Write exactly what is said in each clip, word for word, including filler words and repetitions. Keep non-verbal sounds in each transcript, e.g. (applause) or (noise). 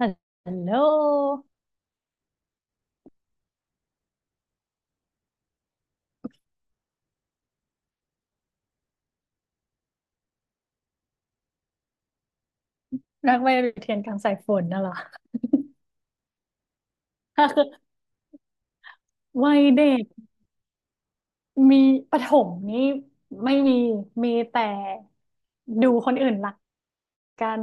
ฮัลโหลนักไวเรียนกลางสายฝนน่ะเหรอ (laughs) คือ (laughs) วัยเด็กมีประถมนี่ไม่มีมีแต่ดูคนอื่นรักกัน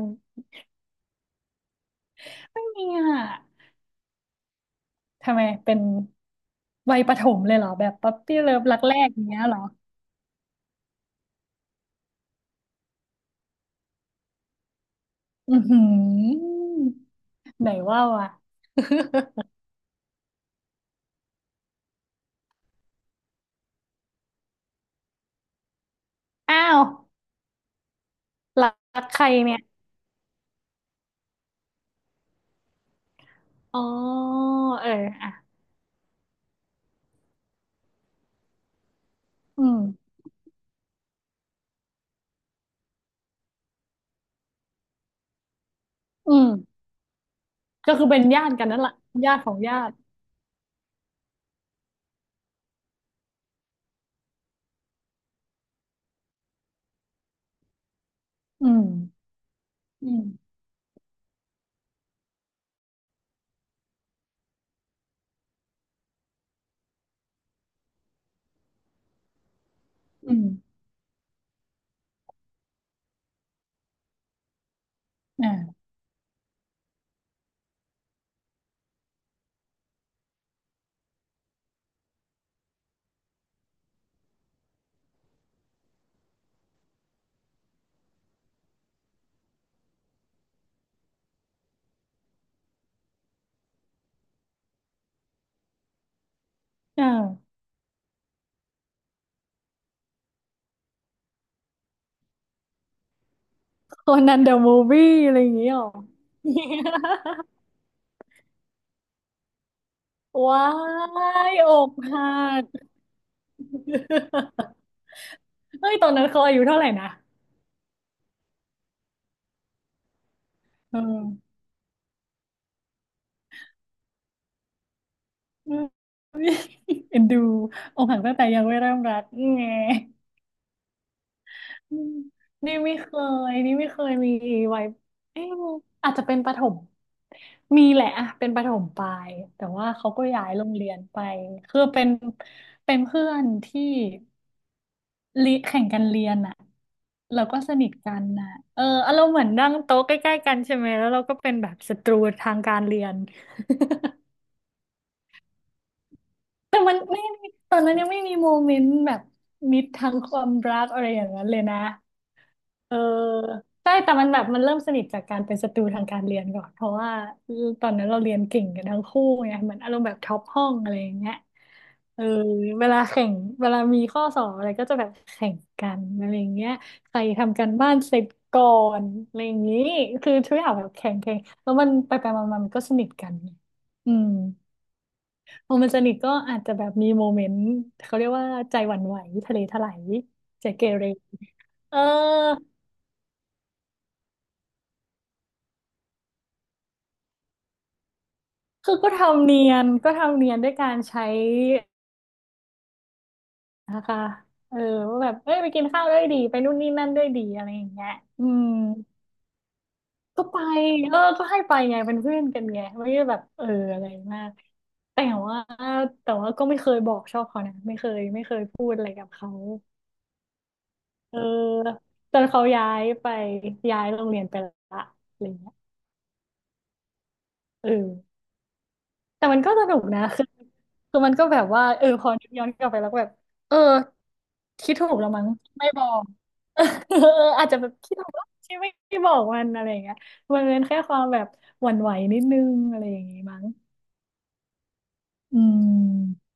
ไม่มีอ่ะทำไมเป็นวัยประถมเลยเหรอแบบป๊อปปี้เลิฟรักแรกอย่างเงี้ยเหรออือหือไหนว่าว่ะ (laughs) อ้าวรักใครเนี่ยอ๋อเอออ่ะอืมอืมก็คือเป็นญาติกันนั่นแหละญาติของญาติอืมอืมอืม อ่าอ่าโคนันเดอะมูฟวี่อะไรอย่างเงี้ยหรอ (laughs) ว้ายอกหัก (laughs) เฮ้ยตอนนั้นเขาอายุเท่าไหร่นะเอออืมเอ็นดูอกหักตั้งแต่ยังไม่เริ่มรักไงอืมนี่ไม่เคยนี่ไม่เคยมีไว้เอ๊ะอาจจะเป็นประถมมีแหละอะเป็นประถมปลายแต่ว่าเขาก็ย้ายโรงเรียนไปคือเป็นเป็นเพื่อนที่ ลิแข่งกันเรียนอ่ะเราก็สนิทกันน่ะเอออารมณ์เหมือนนั่งโต๊ะใกล้ๆกันใช่ไหมแล้วเราก็เป็นแบบศัตรูทางการเรียน (laughs) แต่มันไม่มีตอนนั้นยังไม่มีโมเมนต์แบบมิตรทางความรักอะไรอย่างนั้นเลยนะ เออใช่แต่มันแบบมันเริ่มสนิทจากการเป็นศัตรูทางการเรียนก่อนเพราะว่าตอนนั้นเราเรียนเก่งกันทั้งคู่ไงเหมือนอารมณ์แบบท็อปห้องอะไรอย่างเงี้ยเออเวลาแข่งเวลามีข้อสอบอะไรก็จะแบบแข่งกันอะไรอย่างเงี้ยใครทำกานบ้านเสร็จก่อนอะไรอย่างงี้คือทุกอย่างแบบแข่งแข่งแล้วมันไปไปมามามันก็สนิทกันไงอืมพอมันสนิทก็อาจจะแบบมีโมเมนต์เขาเรียกว่าใจหวั่นไหวทะเลถลายใจเกเรเออ คือก็ทำเนียนก็ทำเนียนด้วยการใช้นะคะเออว่าแบบเอ้ยไปกินข้าวด้วยดีไปนู่นนี่นั่นด้วยดีอะไรอย่างเงี้ยอืมก็ไปเออก็ให้ไปไงเป็นเพื่อนกันไงไม่ได้แบบเอออะไรมากแต่ว่าแต่ว่าก็ไม่เคยบอกชอบเขานะไม่เคยไม่เคยพูดอะไรกับเขาเออจนเขาย้ายไปย้ายโรงเรียนไปละอะไรเงี้ยเออ แต่มันก็สนุกนะคือคือมันก็แบบว่าเออพอนึกย้อนกลับไปแล้วก็แบบ เออ คิดถูกแล้วมั้งไม่บอก (laughs) เอออาจจะแบบคิดถูกว่าที่ไม่บอกมันอะไรอย่างเงี้ยมันเป็นแค่ความแบบหวั่นไหวนิดนึงอะไรอย่างงี้มั้งอืม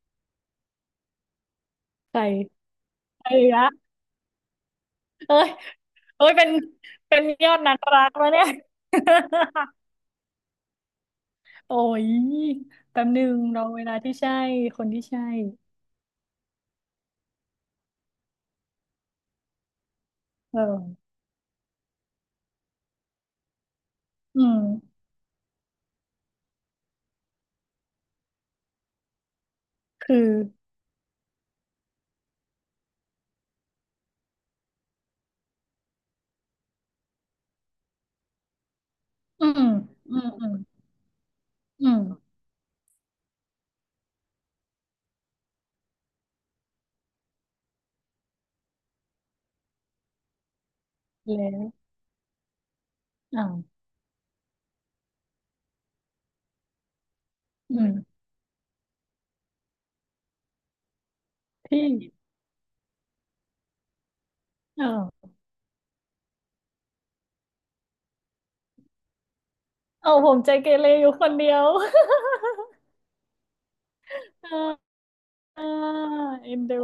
ใส่ใส่ละเอ้ยเอ้ยเป็นเป็นยอดนักรักแล้วะเนี่ย (laughs) โอ้ยแป๊บนึงรอเวลาที่ใช่คนที่ใช่เอออืมคืออืมอืมอืมอืม แล้วอ้าวอืมที่อ้าวเอาผมใจเกเรอยู่คนเดียว (laughs) อ่าอ่าเอ็นดู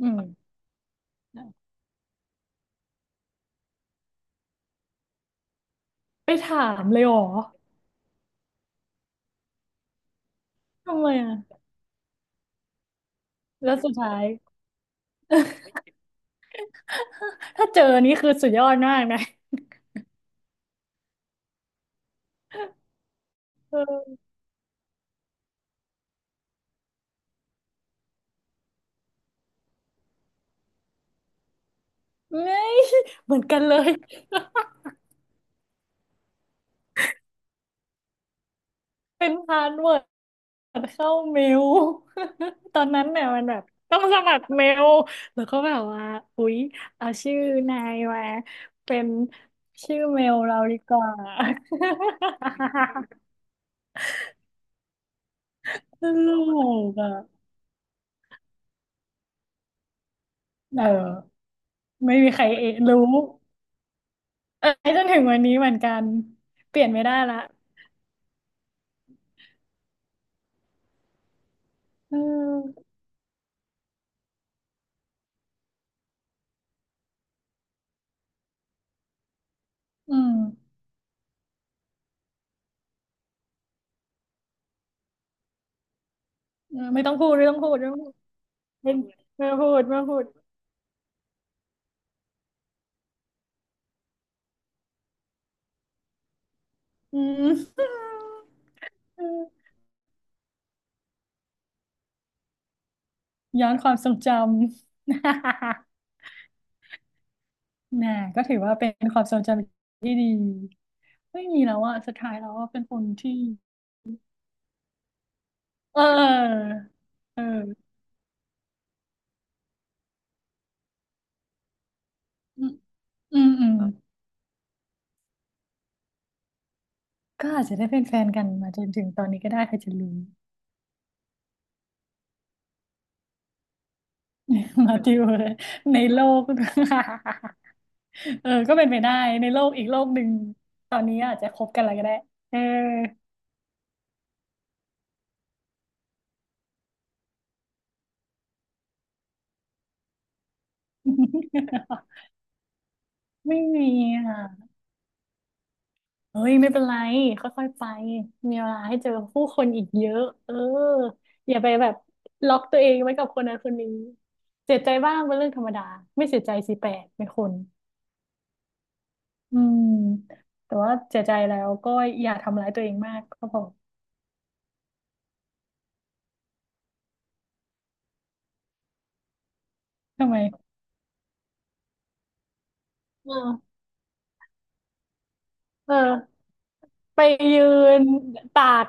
อืมไปถามเลยเหรอทำไมอ่ะแล้วสุดท้ายถ้าเจอนี่คือสุดยอดมากนะเออ (laughs) ไม่เหมือนกันเลยเป็นพาสเวิร์ด สมัครเข้าเมล (laughs) ตอนนั้นเนี่ยมันแบบต้องสมัครเมลแล้วก็แบบว่าอุ๊ยเอาชื่อนายมาเป็นชื่อเมลเราดีกว่า (laughs) ตลกอ่ะเออไม่มีใครเอะรู้เออจนถึงวันนี้เหมือนกันเปลี่ยนไม่ได้ละเอออืมเออไม่ต้องพูดไม่ต้องพูดไม่ต้องพูดไม่ไม่พูดไม่พูดอืม (laughs) ย้อนความทรงจำ แน่ะก็ถือว่าเป็นความทรงจำที่ดีไม่มีแล้วอะสุดท้ายแล้วว่าเป็นคนที่เออเอออืมอืมอืมก็อาจจะได้เป็นแฟนกันมาจนถึงตอนนี้ก็ได้ใครจะรู้ (laughs) มาติวเลยในโลก (laughs) เออก็เป็นไปได้ในโลกอีกโลกหนึ่งตอนนี้อาจจะคบกันอะไรก็ได้เออ (laughs) ไม่มีอ่ะ เฮ้ยไม่เป็นไรค่อยๆไปมีเวลาให้เจอผู้คนอีกเยอะเอออย่าไปแบบล็อกตัวเองไว้กับคนนั้นคนนี้เสียใจบ้างเป็นเรื่องธรรมดาไม่เสียใจสิแปลกไม่คนอืมแต่ว่าเสียใจแล้วก็อย่าทำร้ายตัวเองมากก็พอทำไมเออเออไปยืนตาก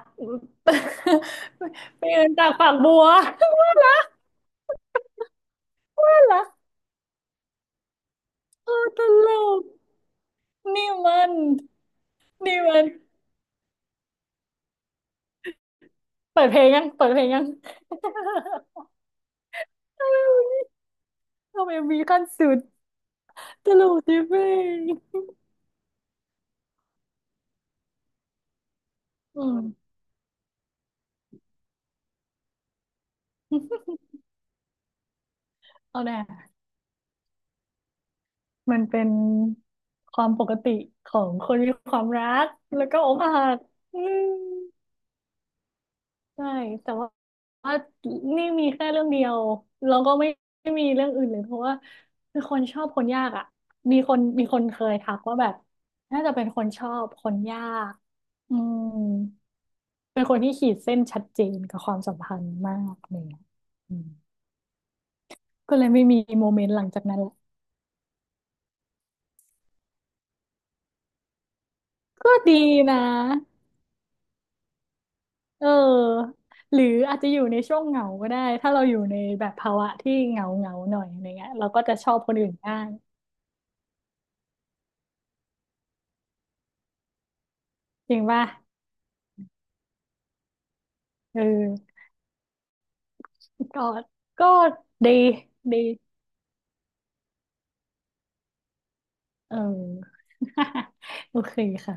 (laughs) ไปยืนตากฝักบัว (laughs) ว่าละว่าละโอ้ตลกนี่มันนี่มัน เปิดเพลงยังเปิดเพลงยังทำไม (laughs) มีขั้นสุดตลกดิบเองอืมเอาแน่มันเป็นความปกติของคนมีความรักแล้วก็อกหักอืมใช่แต่ว่าว่านี่มีแค่เรื่องเดียวแล้วก็ไม่ไม่มีเรื่องอื่นเลยเพราะว่าคือคนชอบคนยากอ่ะมีคนมีคนเคยทักว่าแบบน่าจะเป็นคนชอบคนยากอืม เป็นคนที่ขีดเส้นชัดเจนกับความสัมพันธ์มากเลยอะอืมก็เลยไม่มีโมเมนต์หลังจากนั้นละก็ดีนะเออหรืออาจจะอยู่ในช่วงเหงาก็ได้ ถ้าเราอยู่ในแบบภาวะที่เหงาเหงาหน่อยอะไรเงี้ยเราก็จะชอบคนอื่นง้างจริงป่ะเออก็ก็ดีดีเออ (laughs) โอเคค่ะ